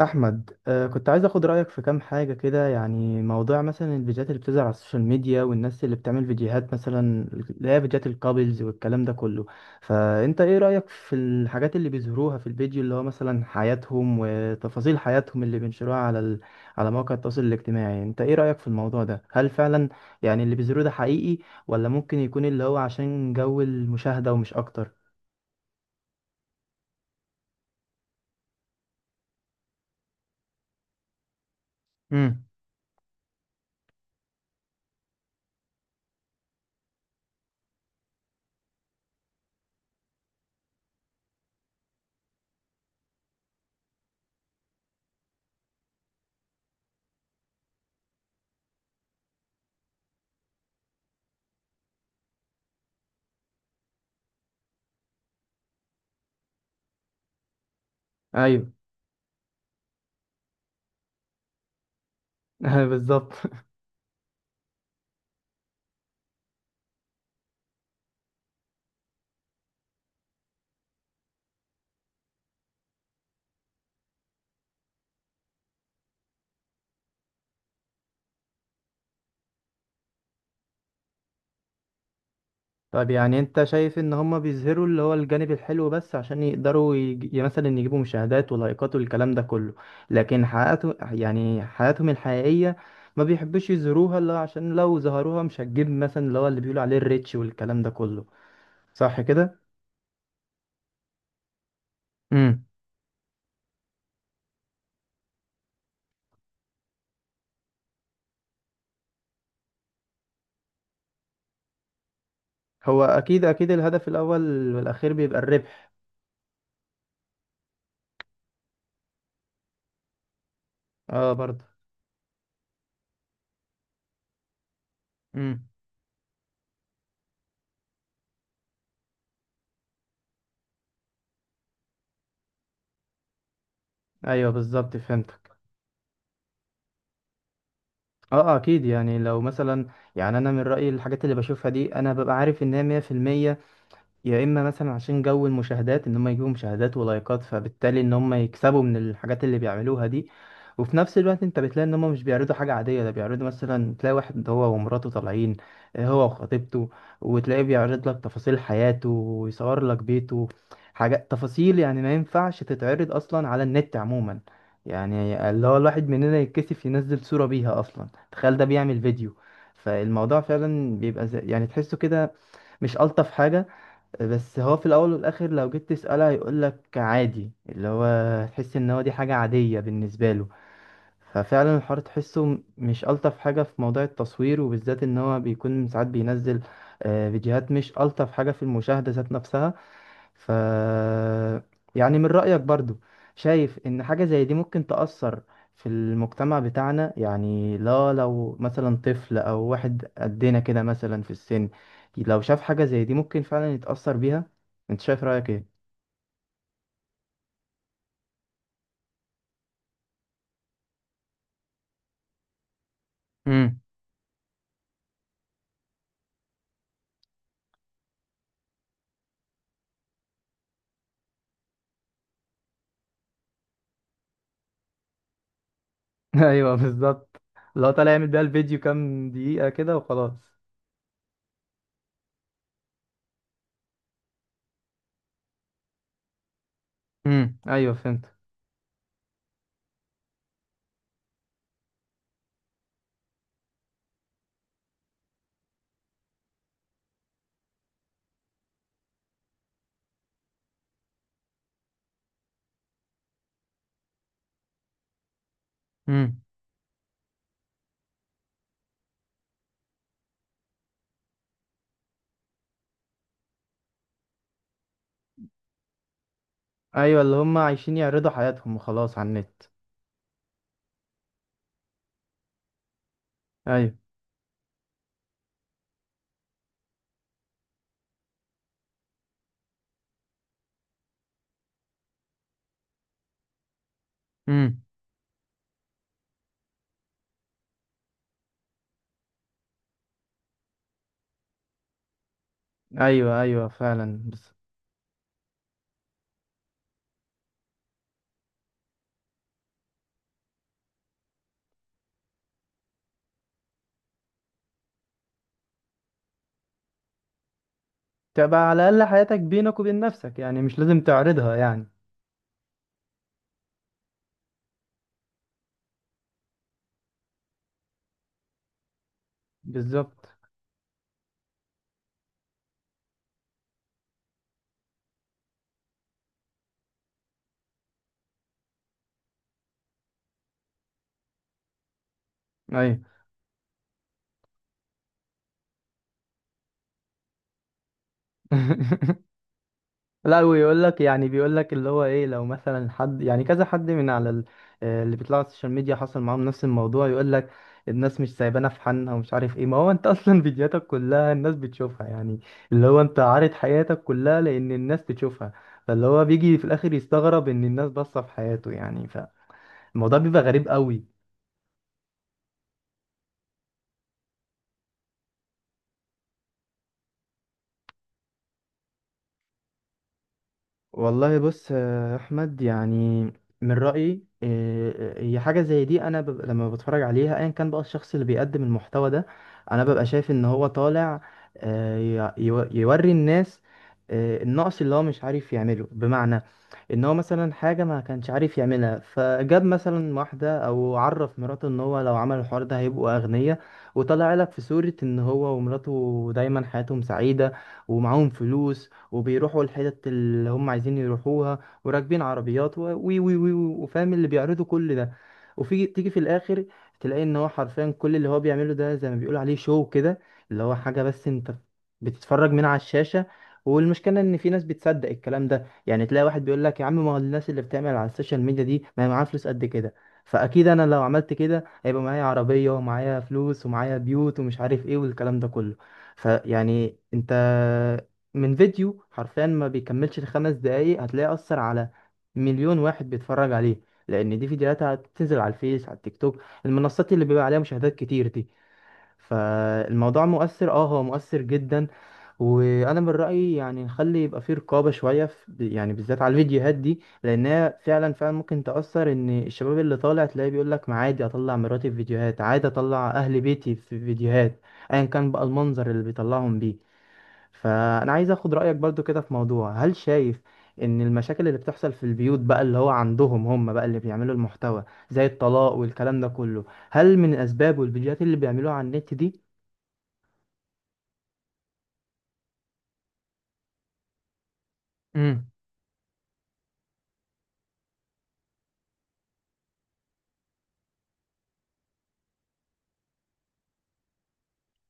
احمد، كنت عايز اخد رايك في كام حاجه كده. يعني موضوع مثلا الفيديوهات اللي بتظهر على السوشيال ميديا، والناس اللي بتعمل فيديوهات، مثلا اللي هي فيديوهات الكابلز والكلام ده كله. فانت ايه رايك في الحاجات اللي بيظهروها في الفيديو، اللي هو مثلا حياتهم وتفاصيل حياتهم اللي بينشروها على مواقع التواصل الاجتماعي؟ انت ايه رايك في الموضوع ده؟ هل فعلا يعني اللي بيظهروه ده حقيقي، ولا ممكن يكون اللي هو عشان جو المشاهده ومش اكتر؟ امم. ايوه. بالظبط. طب يعني انت شايف ان هم بيظهروا اللي هو الجانب الحلو بس عشان يقدروا مثلا يجيبوا مشاهدات ولايكات والكلام ده كله؟ لكن حياته يعني حياتهم الحقيقية ما بيحبوش يظهروها، اللي هو عشان لو ظهروها مش هتجيب مثلا اللي هو اللي بيقولوا عليه الريتش والكلام ده كله. صح كده؟ امم. هو اكيد اكيد الهدف الاول والاخير بيبقى الربح. اه، برضه. امم. ايوه، بالظبط، فهمتك. اه، اكيد. يعني لو مثلا يعني انا من رأيي الحاجات اللي بشوفها دي انا ببقى عارف ان هي 100%. يا اما مثلا عشان جو المشاهدات ان هم يجيبوا مشاهدات ولايكات، فبالتالي ان هم يكسبوا من الحاجات اللي بيعملوها دي. وفي نفس الوقت انت بتلاقي ان هم مش بيعرضوا حاجة عادية. ده بيعرضوا مثلا تلاقي واحد هو ومراته طالعين، هو وخطيبته. وتلاقيه بيعرض لك تفاصيل حياته، ويصور لك بيته. حاجات تفاصيل يعني ما ينفعش تتعرض اصلا على النت عموما. يعني اللي هو الواحد مننا يتكسف ينزل صورة بيها اصلا، تخيل ده بيعمل فيديو. فالموضوع فعلا بيبقى زي يعني تحسه كده مش ألطف حاجة. بس هو في الاول والاخر لو جيت تسأله هيقول لك عادي، اللي هو تحس ان هو دي حاجة عادية بالنسبة له. ففعلا الحوار تحسه مش ألطف حاجة في موضوع التصوير، وبالذات ان هو بيكون ساعات بينزل فيديوهات مش ألطف حاجة في المشاهدة ذات نفسها. ف يعني من رأيك برضو، شايف ان حاجة زي دي ممكن تأثر في المجتمع بتاعنا؟ يعني لا، لو مثلا طفل او واحد قدنا كده مثلا في السن، لو شاف حاجة زي دي ممكن فعلا يتأثر بيها. انت شايف رأيك ايه؟ امم. ايوه، بالظبط. لو طالع يعمل بيها الفيديو كام دقيقة كده وخلاص. امم. ايوه، فهمت. امم. ايوه، اللي هم عايشين يعرضوا حياتهم وخلاص على النت. ايوه. امم. ايوه، ايوه، فعلا. تبقى على الأقل حياتك بينك وبين نفسك، يعني مش لازم تعرضها يعني. بالظبط. أيوة. لا. ويقول لك يعني بيقول لك اللي هو إيه، لو مثلا حد يعني كذا حد من على اللي بيطلعوا على السوشيال ميديا حصل معاهم نفس الموضوع، يقول لك: الناس مش سايبانا في حالنا ومش عارف إيه. ما هو أنت أصلا فيديوهاتك كلها الناس بتشوفها يعني. اللي هو أنت عارض حياتك كلها لأن الناس تشوفها. فاللي هو بيجي في الآخر يستغرب إن الناس باصة في حياته يعني. فالموضوع بيبقى غريب قوي. والله بص يا احمد، يعني من رايي، هي حاجه زي دي انا ببقى لما بتفرج عليها، ايا كان بقى الشخص اللي بيقدم المحتوى ده، انا ببقى شايف ان هو طالع، آه، يوري الناس النقص اللي هو مش عارف يعمله. بمعنى ان هو مثلا حاجه ما كانش عارف يعملها، فجاب مثلا واحده او عرف مراته ان هو لو عمل الحوار ده هيبقوا اغنياء. وطلع لك في صوره ان هو ومراته دايما حياتهم سعيده، ومعاهم فلوس، وبيروحوا الحتت اللي هم عايزين يروحوها، وراكبين عربيات و وي وي وي وي- وفاهم اللي بيعرضوا كل ده. وفي تيجي في الاخر، تلاقي ان هو حرفيا كل اللي هو بيعمله ده زي ما بيقول عليه شو كده، اللي هو حاجة بس انت بتتفرج من على الشاشة. والمشكلة ان في ناس بتصدق الكلام ده. يعني تلاقي واحد بيقول لك: يا عم، ما هو الناس اللي بتعمل على السوشيال ميديا دي ما هي معاها فلوس قد كده، فاكيد انا لو عملت كده هيبقى معايا عربية ومعايا فلوس ومعايا بيوت ومش عارف ايه والكلام ده كله. فيعني انت، من فيديو حرفيا ما بيكملش الخمس دقايق، هتلاقي أثر على مليون واحد بيتفرج عليه، لأن دي فيديوهات هتنزل على الفيس، على التيك توك، المنصات اللي بيبقى عليها مشاهدات كتير دي. فالموضوع مؤثر، اه، هو مؤثر جدا. وانا من رأيي يعني نخلي يبقى فيه رقابة شوية في، يعني بالذات على الفيديوهات دي، لانها فعلا فعلا ممكن تأثر. ان الشباب اللي طالع تلاقيه بيقول لك: ما عادي اطلع مراتي في فيديوهات، عادي اطلع اهل بيتي في فيديوهات، ايا كان بقى المنظر اللي بيطلعهم بيه. فانا عايز اخد رايك برضو كده في موضوع، هل شايف ان المشاكل اللي بتحصل في البيوت بقى، اللي هو عندهم، هم بقى اللي بيعملوا المحتوى، زي الطلاق والكلام ده كله، هل من اسبابه الفيديوهات اللي بيعملوها على النت دي؟ امم.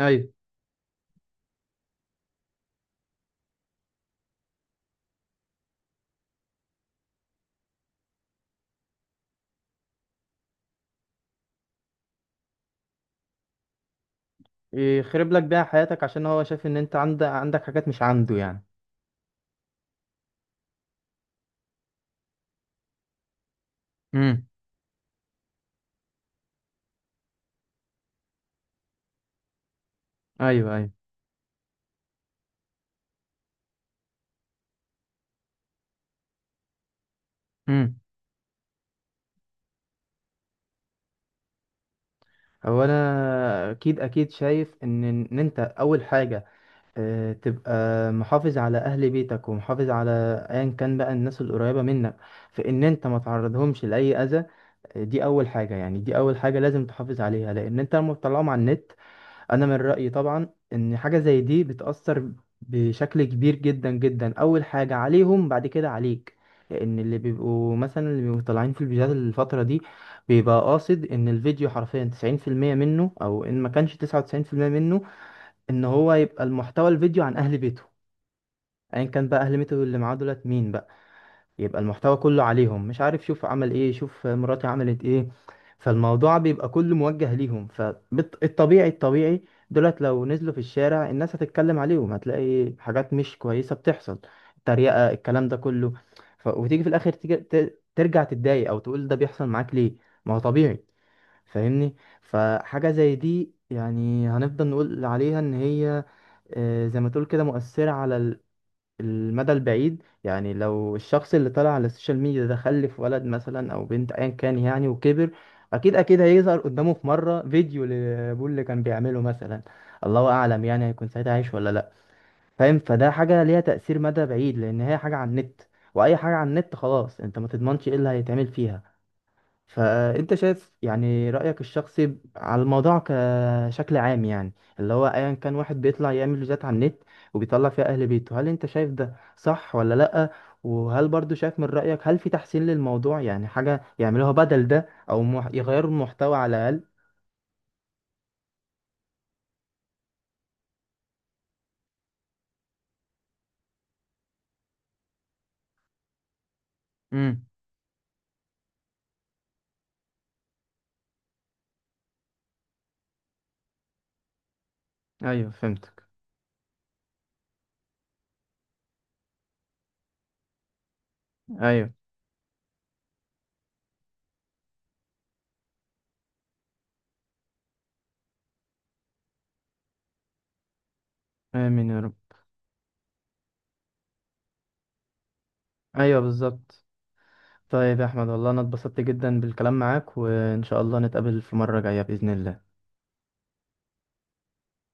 ايوه. يخرب لك بيها حياتك عشان هو شايف ان انت عندك حاجات مش عنده يعني. امم. ايوه، ايوه. امم. هو انا اكيد اكيد شايف ان انت اول حاجة، تبقى محافظ على اهل بيتك ومحافظ على ايا كان بقى الناس القريبه منك، في ان انت ما تعرضهمش لاي اذى. دي اول حاجه، يعني دي اول حاجه لازم تحافظ عليها، لان انت لما بتطلعهم على النت، انا من رايي طبعا ان حاجه زي دي بتاثر بشكل كبير جدا جدا، اول حاجه عليهم بعد كده عليك. لان اللي بيبقوا مثلا اللي بيبقوا طالعين في الفيديوهات الفتره دي، بيبقى قاصد ان الفيديو حرفيا 90% منه، او ان ما كانش 99% منه، ان هو يبقى المحتوى الفيديو عن اهل بيته، ايا كان بقى اهل بيته اللي معاه دولت مين بقى. يبقى المحتوى كله عليهم، مش عارف، شوف عمل ايه، شوف مراتي عملت ايه. فالموضوع بيبقى كله موجه ليهم، فالطبيعي الطبيعي دولت لو نزلوا في الشارع الناس هتتكلم عليهم، هتلاقي حاجات مش كويسة بتحصل، تريقة الكلام ده كله. وتيجي في الاخر ترجع تتضايق، او تقول ده بيحصل معاك ليه، ما هو طبيعي، فاهمني. فحاجة زي دي يعني هنفضل نقول عليها ان هي، زي ما تقول كده، مؤثرة على المدى البعيد. يعني لو الشخص اللي طلع على السوشيال ميديا ده خلف ولد مثلا او بنت ايا كان يعني، وكبر، اكيد اكيد هيظهر قدامه في مرة فيديو لابوه اللي كان بيعمله مثلا. الله اعلم يعني هيكون ساعتها عايش ولا لا. فاهم، فده حاجة ليها تأثير مدى بعيد، لان هي حاجة على النت، واي حاجة على النت خلاص انت ما تضمنش ايه اللي هيتعمل فيها. فانت شايف يعني رأيك الشخصي على الموضوع كشكل عام يعني، اللي هو ايا كان واحد بيطلع يعمل فيديوهات على النت وبيطلع فيها اهل بيته، هل انت شايف ده صح ولا لأ؟ وهل برضو شايف من رأيك، هل في تحسين للموضوع يعني حاجة يعملوها بدل ده، او يغيروا المحتوى على الأقل؟ امم. ايوه، فهمتك. ايوه. امين يا رب. ايوه، بالظبط. طيب يا احمد، والله انا اتبسطت جدا بالكلام معاك، وان شاء الله نتقابل في مرة جاية بإذن الله.